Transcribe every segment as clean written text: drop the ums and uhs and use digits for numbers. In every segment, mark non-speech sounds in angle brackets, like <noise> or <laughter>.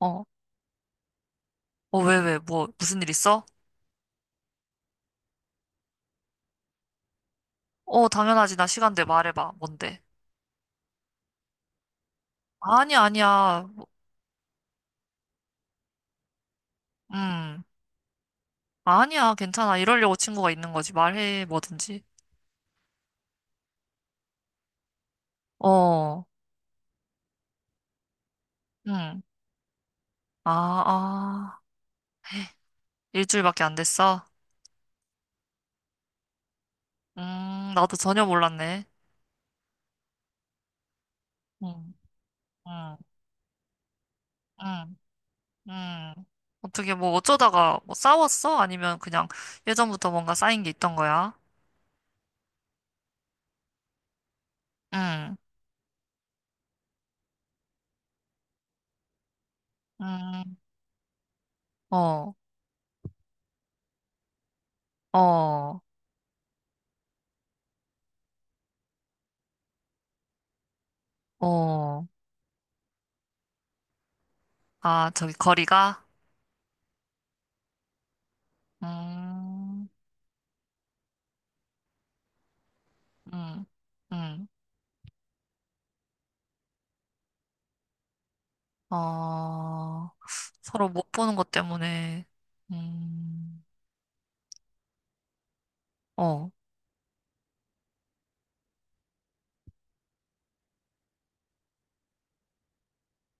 어, 어, 왜, 뭐, 무슨 일 있어? 어, 당연하지. 나 시간 돼. 말해봐. 뭔데? 아니야, 아니야. 음, 아니야. 괜찮아. 이러려고 친구가 있는 거지. 말해, 뭐든지. 어, 음. 아, 아. 일주일밖에 안 됐어? 나도 전혀 몰랐네. 음, 음, 음, 음. 어떻게 뭐 어쩌다가 뭐 싸웠어? 아니면 그냥 예전부터 뭔가 쌓인 게 있던 거야? 음, 음, 어, 어, 어. 아, 저기 거리가? 음, 음, 음. 어, 서로 못 보는 것 때문에, 음, 어,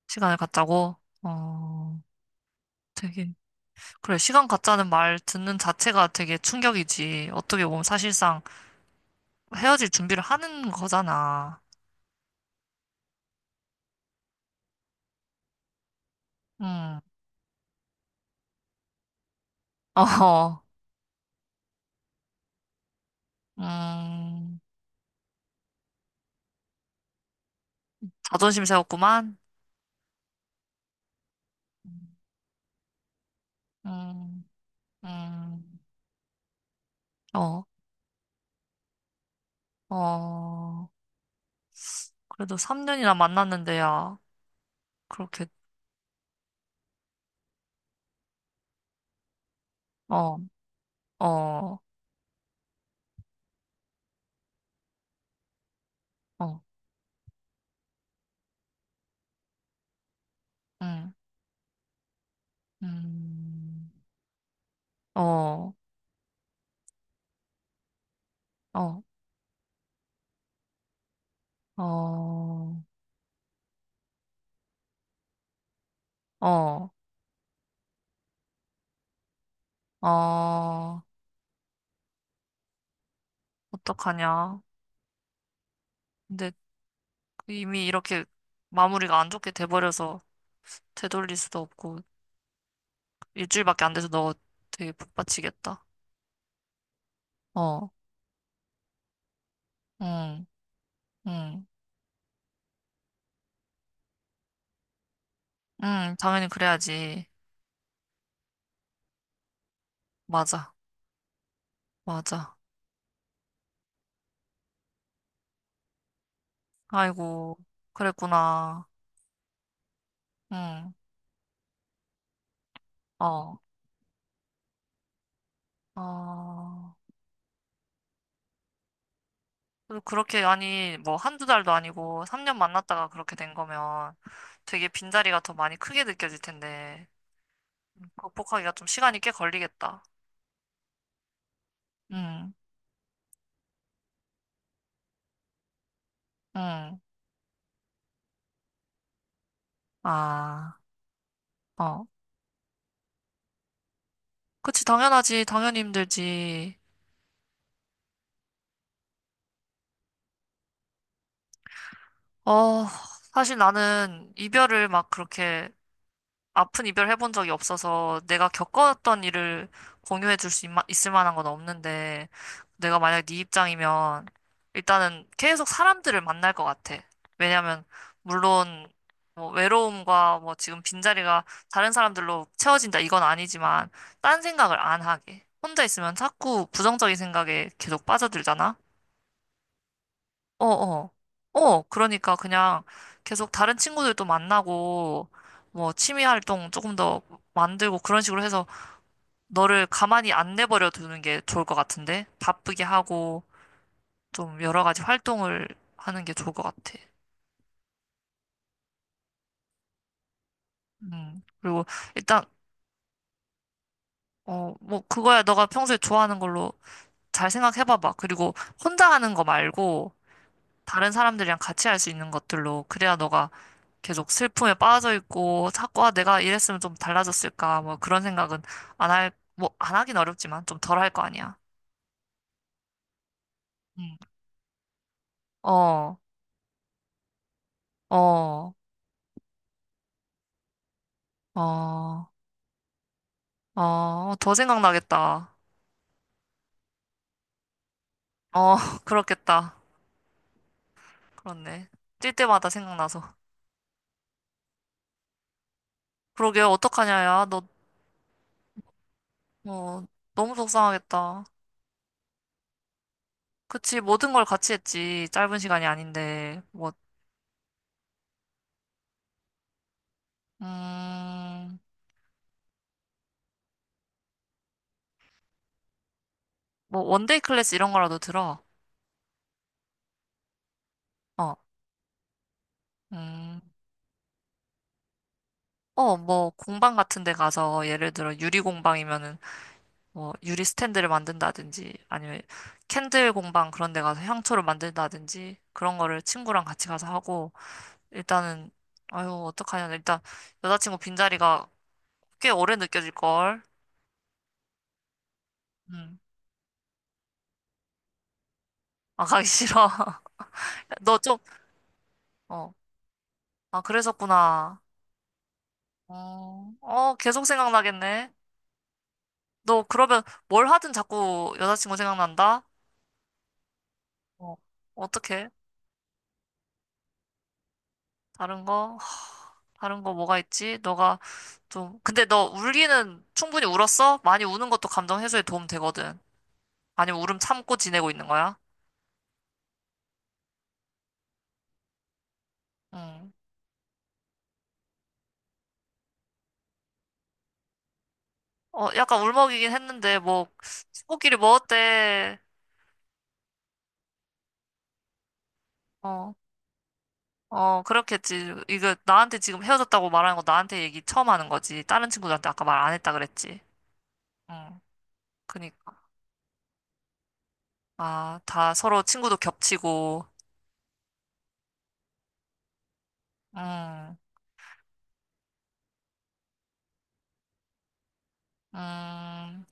시간을 갖자고? 어, 되게, 그래, 시간 갖자는 말 듣는 자체가 되게 충격이지. 어떻게 보면 사실상 헤어질 준비를 하는 거잖아. 음, <laughs> 어, 음, 자존심 세웠구만. 음, 음, 어, 어, 그래도 3년이나 만났는데야, 그렇게, 어. 어, 어, 음, 음, 어, 어, 어, 어, 어, 어떡하냐. 근데 이미 이렇게 마무리가 안 좋게 돼버려서 되돌릴 수도 없고, 일주일밖에 안 돼서 너 되게 복받치겠다. 어, 응, 응, 응, 당연히 그래야지. 맞아, 맞아. 아이고, 그랬구나. 응, 어, 어. 그래서 그렇게, 아니, 뭐, 한두 달도 아니고, 3년 만났다가 그렇게 된 거면 되게 빈자리가 더 많이 크게 느껴질 텐데, 극복하기가 좀 시간이 꽤 걸리겠다. 응, 응, 아, 어. 그치, 당연하지. 당연히 힘들지. 어, 사실 나는 이별을 막 그렇게 아픈 이별 해본 적이 없어서 내가 겪었던 일을 공유해 줄 수 있을 만한 건 없는데 내가 만약 네 입장이면 일단은 계속 사람들을 만날 것 같아. 왜냐면 물론 뭐 외로움과 뭐 지금 빈자리가 다른 사람들로 채워진다 이건 아니지만 딴 생각을 안 하게. 혼자 있으면 자꾸 부정적인 생각에 계속 빠져들잖아. 어어. 어, 어, 그러니까 그냥 계속 다른 친구들도 만나고, 뭐, 취미 활동 조금 더 만들고 그런 식으로 해서 너를 가만히 안 내버려 두는 게 좋을 것 같은데? 바쁘게 하고, 좀 여러 가지 활동을 하는 게 좋을 것 같아. 음. 그리고 일단, 어, 뭐, 그거야 너가 평소에 좋아하는 걸로 잘 생각해봐봐. 그리고 혼자 하는 거 말고, 다른 사람들이랑 같이 할 수 있는 것들로 그래야 너가 계속 슬픔에 빠져 있고 자꾸 아, 내가 이랬으면 좀 달라졌을까 뭐 그런 생각은 안 할, 뭐 안 하긴 어렵지만 좀 덜 할 거 아니야. 응. 어, 어, 어, 어, 더 생각나겠다. 어, <laughs> 그렇겠다. 그렇네. 뛸 때마다 생각나서. 그러게 어떡하냐, 야. 너, 어, 너무 속상하겠다. 그치, 모든 걸 같이 했지. 짧은 시간이 아닌데. 뭐, 음, 뭐 원데이 클래스 이런 거라도 들어. 어. 음. 어, 뭐 공방 같은 데 가서 예를 들어 유리 공방이면은 뭐 유리 스탠드를 만든다든지 아니면 캔들 공방 그런 데 가서 향초를 만든다든지 그런 거를 친구랑 같이 가서 하고 일단은 아유, 어떡하냐. 일단 여자친구 빈자리가 꽤 오래 느껴질 걸. 음. 아, 가기 싫어. <laughs> 너 좀, 어. 아, 그랬었구나. 어, 어, 계속 생각나겠네. 너 그러면 뭘 하든 자꾸 여자친구 생각난다? 어, 어떡해? 다른 거? 하, 다른 거 뭐가 있지? 너가 좀, 근데 너 울기는 충분히 울었어? 많이 우는 것도 감정 해소에 도움 되거든. 아니면 울음 참고 지내고 있는 거야? 응. 어, 약간 울먹이긴 했는데, 뭐, 친구끼리 뭐 어때? 어, 어, 그렇겠지. 이거 나한테 지금 헤어졌다고 말하는 거 나한테 얘기 처음 하는 거지. 다른 친구들한테 아까 말 안 했다 그랬지. 응, 그니까. 아, 다 서로 친구도 겹치고, 응, 음,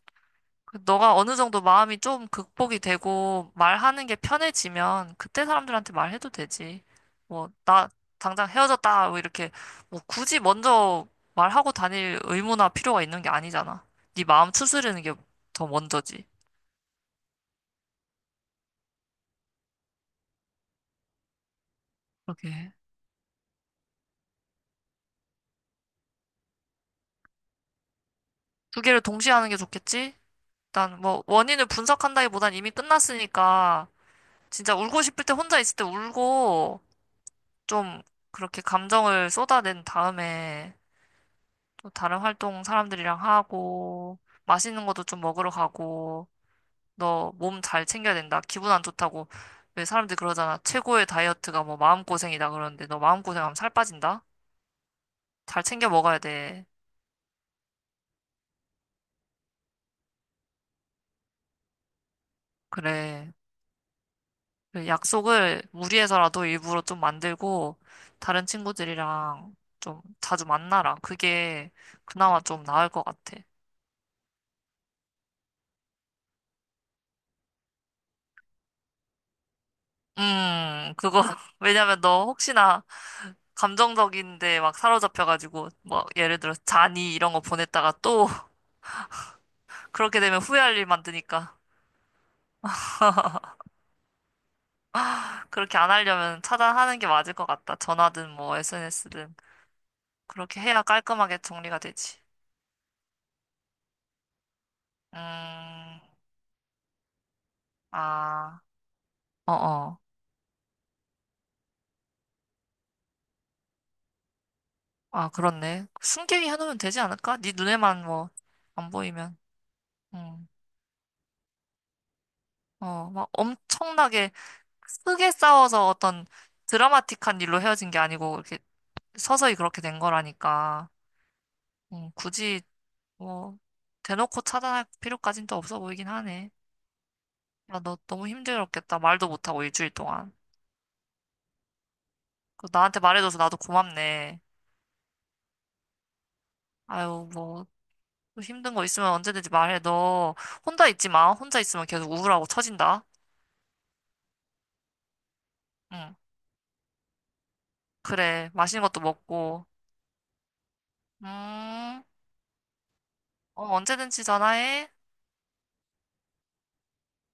너가 어느 정도 마음이 좀 극복이 되고 말하는 게 편해지면 그때 사람들한테 말해도 되지. 뭐, 나 당장 헤어졌다. 뭐 이렇게 뭐 굳이 먼저 말하고 다닐 의무나 필요가 있는 게 아니잖아. 네 마음 추스르는 게 더 먼저지. 그렇게. 두 개를 동시에 하는 게 좋겠지? 일단 뭐 원인을 분석한다기보단 이미 끝났으니까 진짜 울고 싶을 때 혼자 있을 때 울고 좀 그렇게 감정을 쏟아낸 다음에 또 다른 활동 사람들이랑 하고, 맛있는 것도 좀 먹으러 가고, 너 몸 잘 챙겨야 된다. 기분 안 좋다고. 왜 사람들이 그러잖아. 최고의 다이어트가 뭐 마음고생이다 그러는데 너 마음고생하면 살 빠진다? 잘 챙겨 먹어야 돼. 그래. 그 약속을 무리해서라도 일부러 좀 만들고, 다른 친구들이랑 좀 자주 만나라. 그게 그나마 좀 나을 것 같아. 그거. <laughs> 왜냐면 너 혹시나 감정적인데 막 사로잡혀가지고 뭐 예를 들어 잔이 이런 거 보냈다가 또 <laughs> 그렇게 되면 후회할 일 만드니까 그렇게 안 하려면 차단하는 게 맞을 것 같다. 전화든 뭐 SNS든 그렇게 해야 깔끔하게 정리가 되지. 음, 아, 어 어, 아 그렇네. 숨기게 해놓으면 되지 않을까? 네 눈에만 뭐 안 보이면, 음, 어, 막 엄청나게 크게 싸워서 어떤 드라마틱한 일로 헤어진 게 아니고 이렇게 서서히 그렇게 된 거라니까. 굳이 뭐, 대놓고 차단할 필요까진 또 없어 보이긴 하네. 야, 너 너무 힘들었겠다. 말도 못하고 일주일 동안. 그 나한테 말해줘서 나도 고맙네. 아유, 뭐, 또 힘든 거 있으면 언제든지 말해. 너 혼자 있지 마. 혼자 있으면 계속 우울하고 처진다. 응, 그래. 맛있는 것도 먹고. 음, 어, 언제든지 전화해.